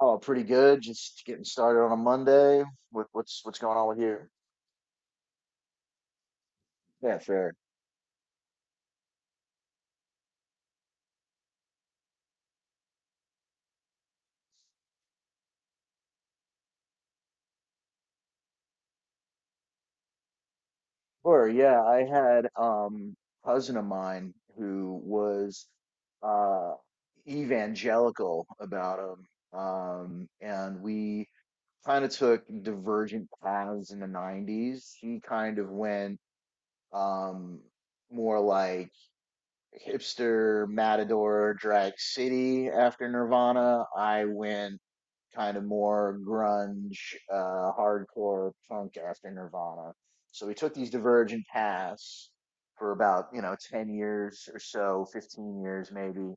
Oh, pretty good. Just getting started on a Monday. With what's going on with you? Yeah, fair. Sure. Yeah, I had cousin of mine who was uh evangelical about him, and we kind of took divergent paths in the 90s. He kind of went um more like hipster matador drag city after Nirvana. I went kind of more grunge, hardcore punk after Nirvana. So we took these divergent paths for about, you know, 10 years or so, 15 years maybe.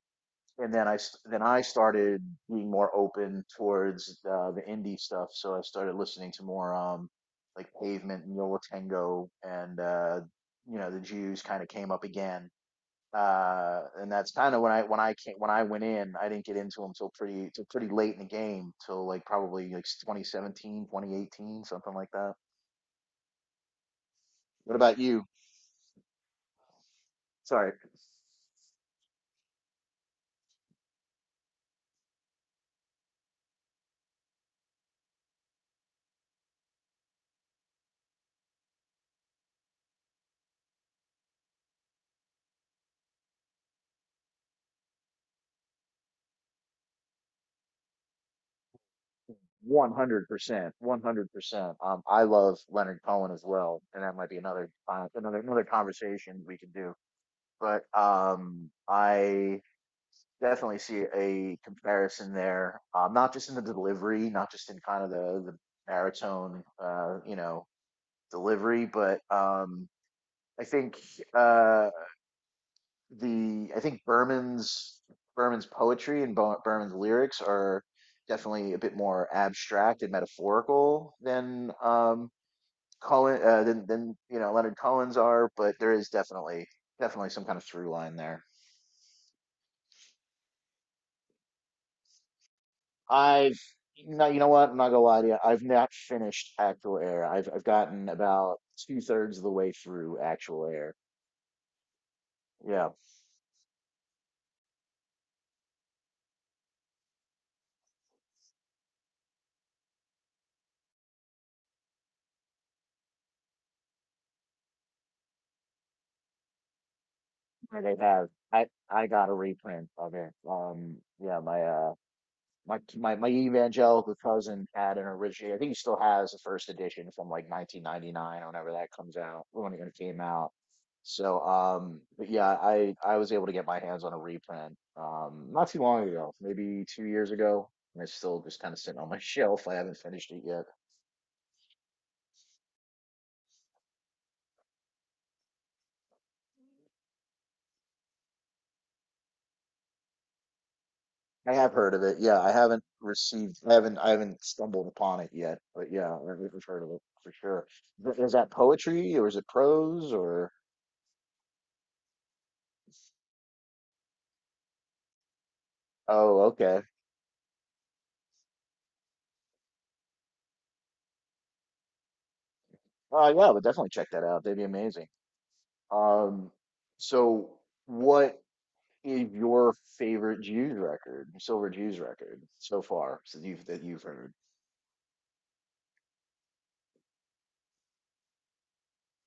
And then then I started being more open towards the indie stuff. So I started listening to more like Pavement and Yola Tango and you know the Jews kind of came up again, and that's kind of when I went in, I didn't get into him till pretty late in the game, till like probably like 2017, 2018, something like that. What about you? Sorry. 100%, 100%. I love Leonard Cohen as well, and that might be another another conversation we could do. But I definitely see a comparison there, not just in the delivery, not just in kind of the baritone, you know, delivery, but I think uh, the I think Berman's Berman's poetry and Berman's lyrics are definitely a bit more abstract and metaphorical than Cohen, than you know Leonard Cohen's are, but there is definitely some kind of through line there. I've no, you know what? I'm not gonna lie to you. I've not finished Actual Air. I've gotten about two-thirds of the way through Actual Air. Yeah. Sure they have. I got a reprint of it. Yeah, my evangelical cousin had an original. I think he still has the first edition from like 1999, or whenever that comes out, when it came out. So but yeah, I was able to get my hands on a reprint not too long ago, maybe 2 years ago, and it's still just kind of sitting on my shelf. I haven't finished it yet. I have heard of it. Yeah, I haven't received, I haven't stumbled upon it yet, but yeah, I've heard of it for sure. Is that poetry or is it prose or? Oh, okay. Oh, yeah, but definitely check that out. They'd be amazing. Um, so what is your favorite Silver Jews record so far since you've that you've heard?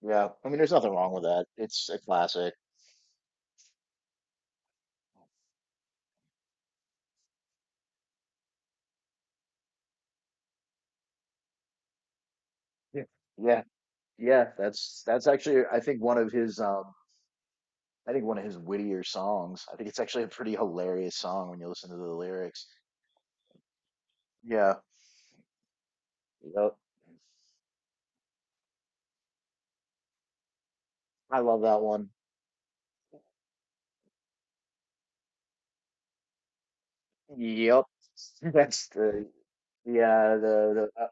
Yeah, I mean, there's nothing wrong with that. It's a classic. Yeah. Yeah, yeah, that's actually I think one of his I think one of his wittier songs. I think it's actually a pretty hilarious song when you listen to the lyrics. Yeah. Yep. I love that one. Yep. That's the yeah the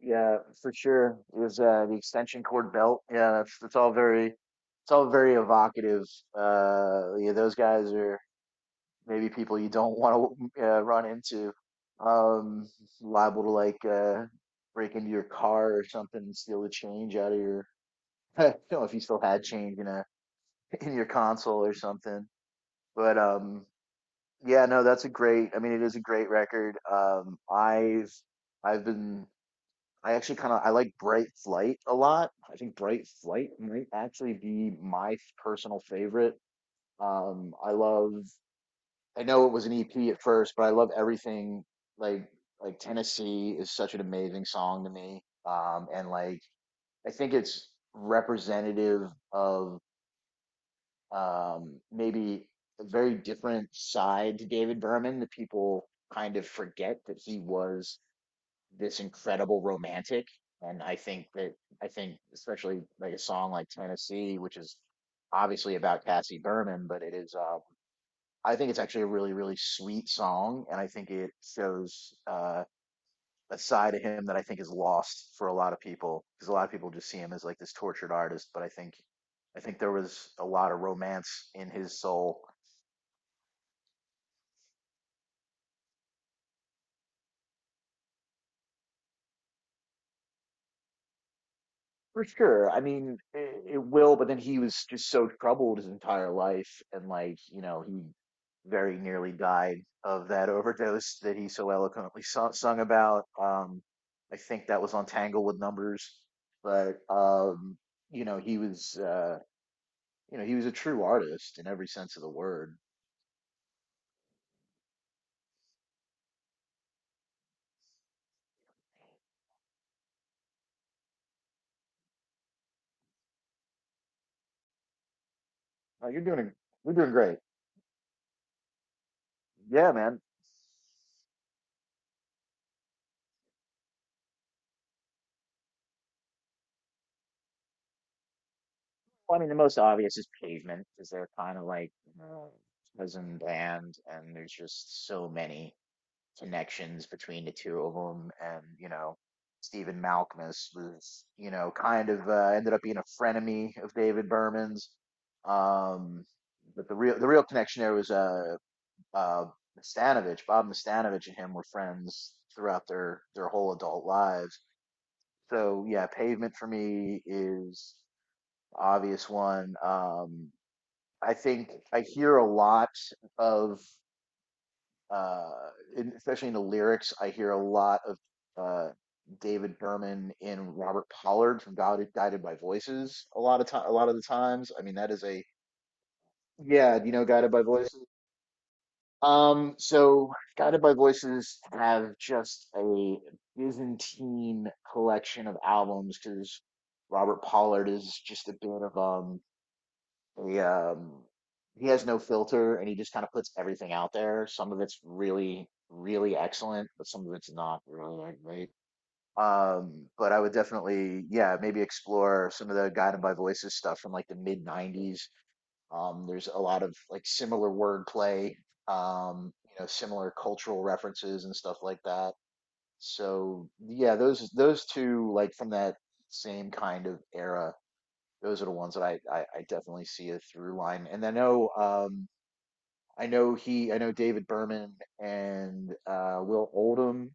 Yeah for sure. It was the extension cord belt. Yeah, that's all very it's all very evocative. Yeah, those guys are maybe people you don't want to run into. Um, liable to like break into your car or something and steal the change out of your I don't know if you still had change in a in your console or something. But yeah, no, that's a great I mean it is a great record. I've been I actually kind of I like Bright Flight a lot. I think Bright Flight might actually be my personal favorite. I love I know it was an EP at first, but I love everything like like Tennessee is such an amazing song to me. And like I think it's representative of maybe a very different side to David Berman that people kind of forget that he was this incredible romantic. And I think especially like a song like Tennessee, which is obviously about Cassie Berman, but it is I think it's actually a really sweet song, and I think it shows a side of him that I think is lost for a lot of people because a lot of people just see him as like this tortured artist, but I think there was a lot of romance in his soul. For sure. I mean, it will, but then he was just so troubled his entire life, and like, you know, he very nearly died of that overdose that he so eloquently sung about. I think that was on Tanglewood Numbers, but you know, you know, he was a true artist in every sense of the word. Oh, you're doing, you're doing great. Yeah, man. Well, I mean, the most obvious is Pavement, because they're kind of like uh, cousin band, and there's just so many connections between the two of them. And, you know, Stephen Malkmus was, you know, kind of ended up being a frenemy of David Berman's. Um, but the real connection there was uh, Nastanovich. Bob Nastanovich and him were friends throughout their whole adult lives. So yeah, Pavement for me is obvious one. I think I hear a lot of uh, in, especially in the lyrics, I hear a lot of uh, David Berman and Robert Pollard from Guided by Voices. A lot of the times. I mean, that is a yeah. Do you know Guided by Voices? So Guided by Voices have just a Byzantine collection of albums because Robert Pollard is just a bit of he um he has no filter and he just kind of puts everything out there. Some of it's really, really excellent, but some of it's not really that great. But I would definitely, yeah, maybe explore some of the Guided by Voices stuff from like the mid '90s. There's a lot of like similar wordplay, you know, similar cultural references and stuff like that. So yeah, those two like from that same kind of era those are the ones that I definitely see a through line. And I know he I know David Berman and Will Oldham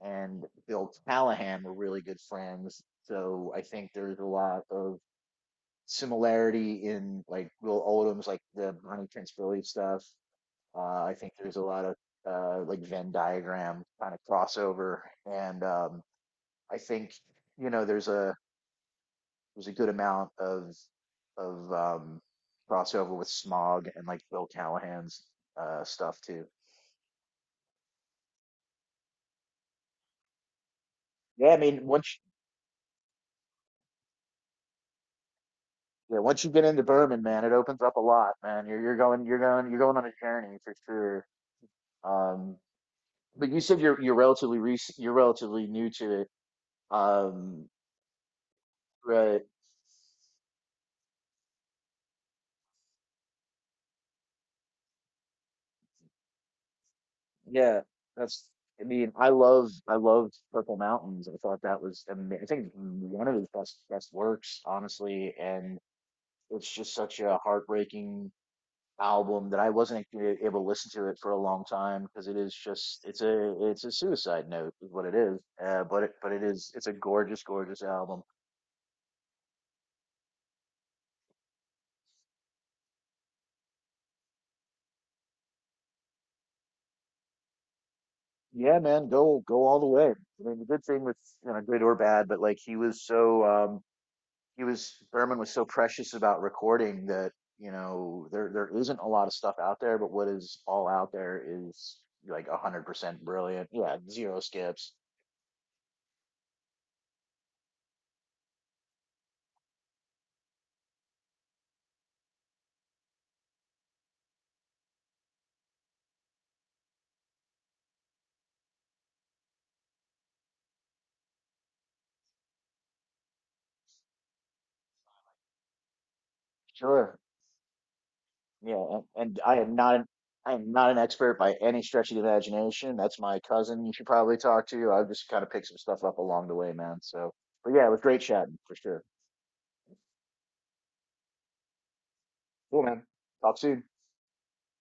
and Bill Callahan were really good friends. So I think there's a lot of similarity in like Will Oldham's like the Bonnie Prince Billy stuff. I think there's a lot of like Venn diagram kind of crossover, and I think you know there's a was a good amount of of um, crossover with Smog and like Bill Callahan's stuff too. Yeah, I mean yeah, once you get into Berman, man, it opens up a lot, man. You're going you're going on a journey for sure. Um, but you said you're relatively recent, you're relatively new to it. Um, right? Yeah, that's. I mean, I love I loved Purple Mountains. I thought that was ama- I think one of his best works, honestly. And it's just such a heartbreaking album that I wasn't actually able to listen to it for a long time because it is just it's a suicide note is what it is. But it is it's a gorgeous album. Yeah, man, go all the way. I mean, the good thing with you know good or bad, but like he was so he was Berman was so precious about recording that you know there isn't a lot of stuff out there, but what is all out there is like 100% brilliant. Yeah, zero skips. Sure. Yeah, and I am not an expert by any stretch of the imagination. That's my cousin you should probably talk to. I've just kind of picked some stuff up along the way, man. So, but yeah, it was great chatting for sure. Cool, man. Talk soon.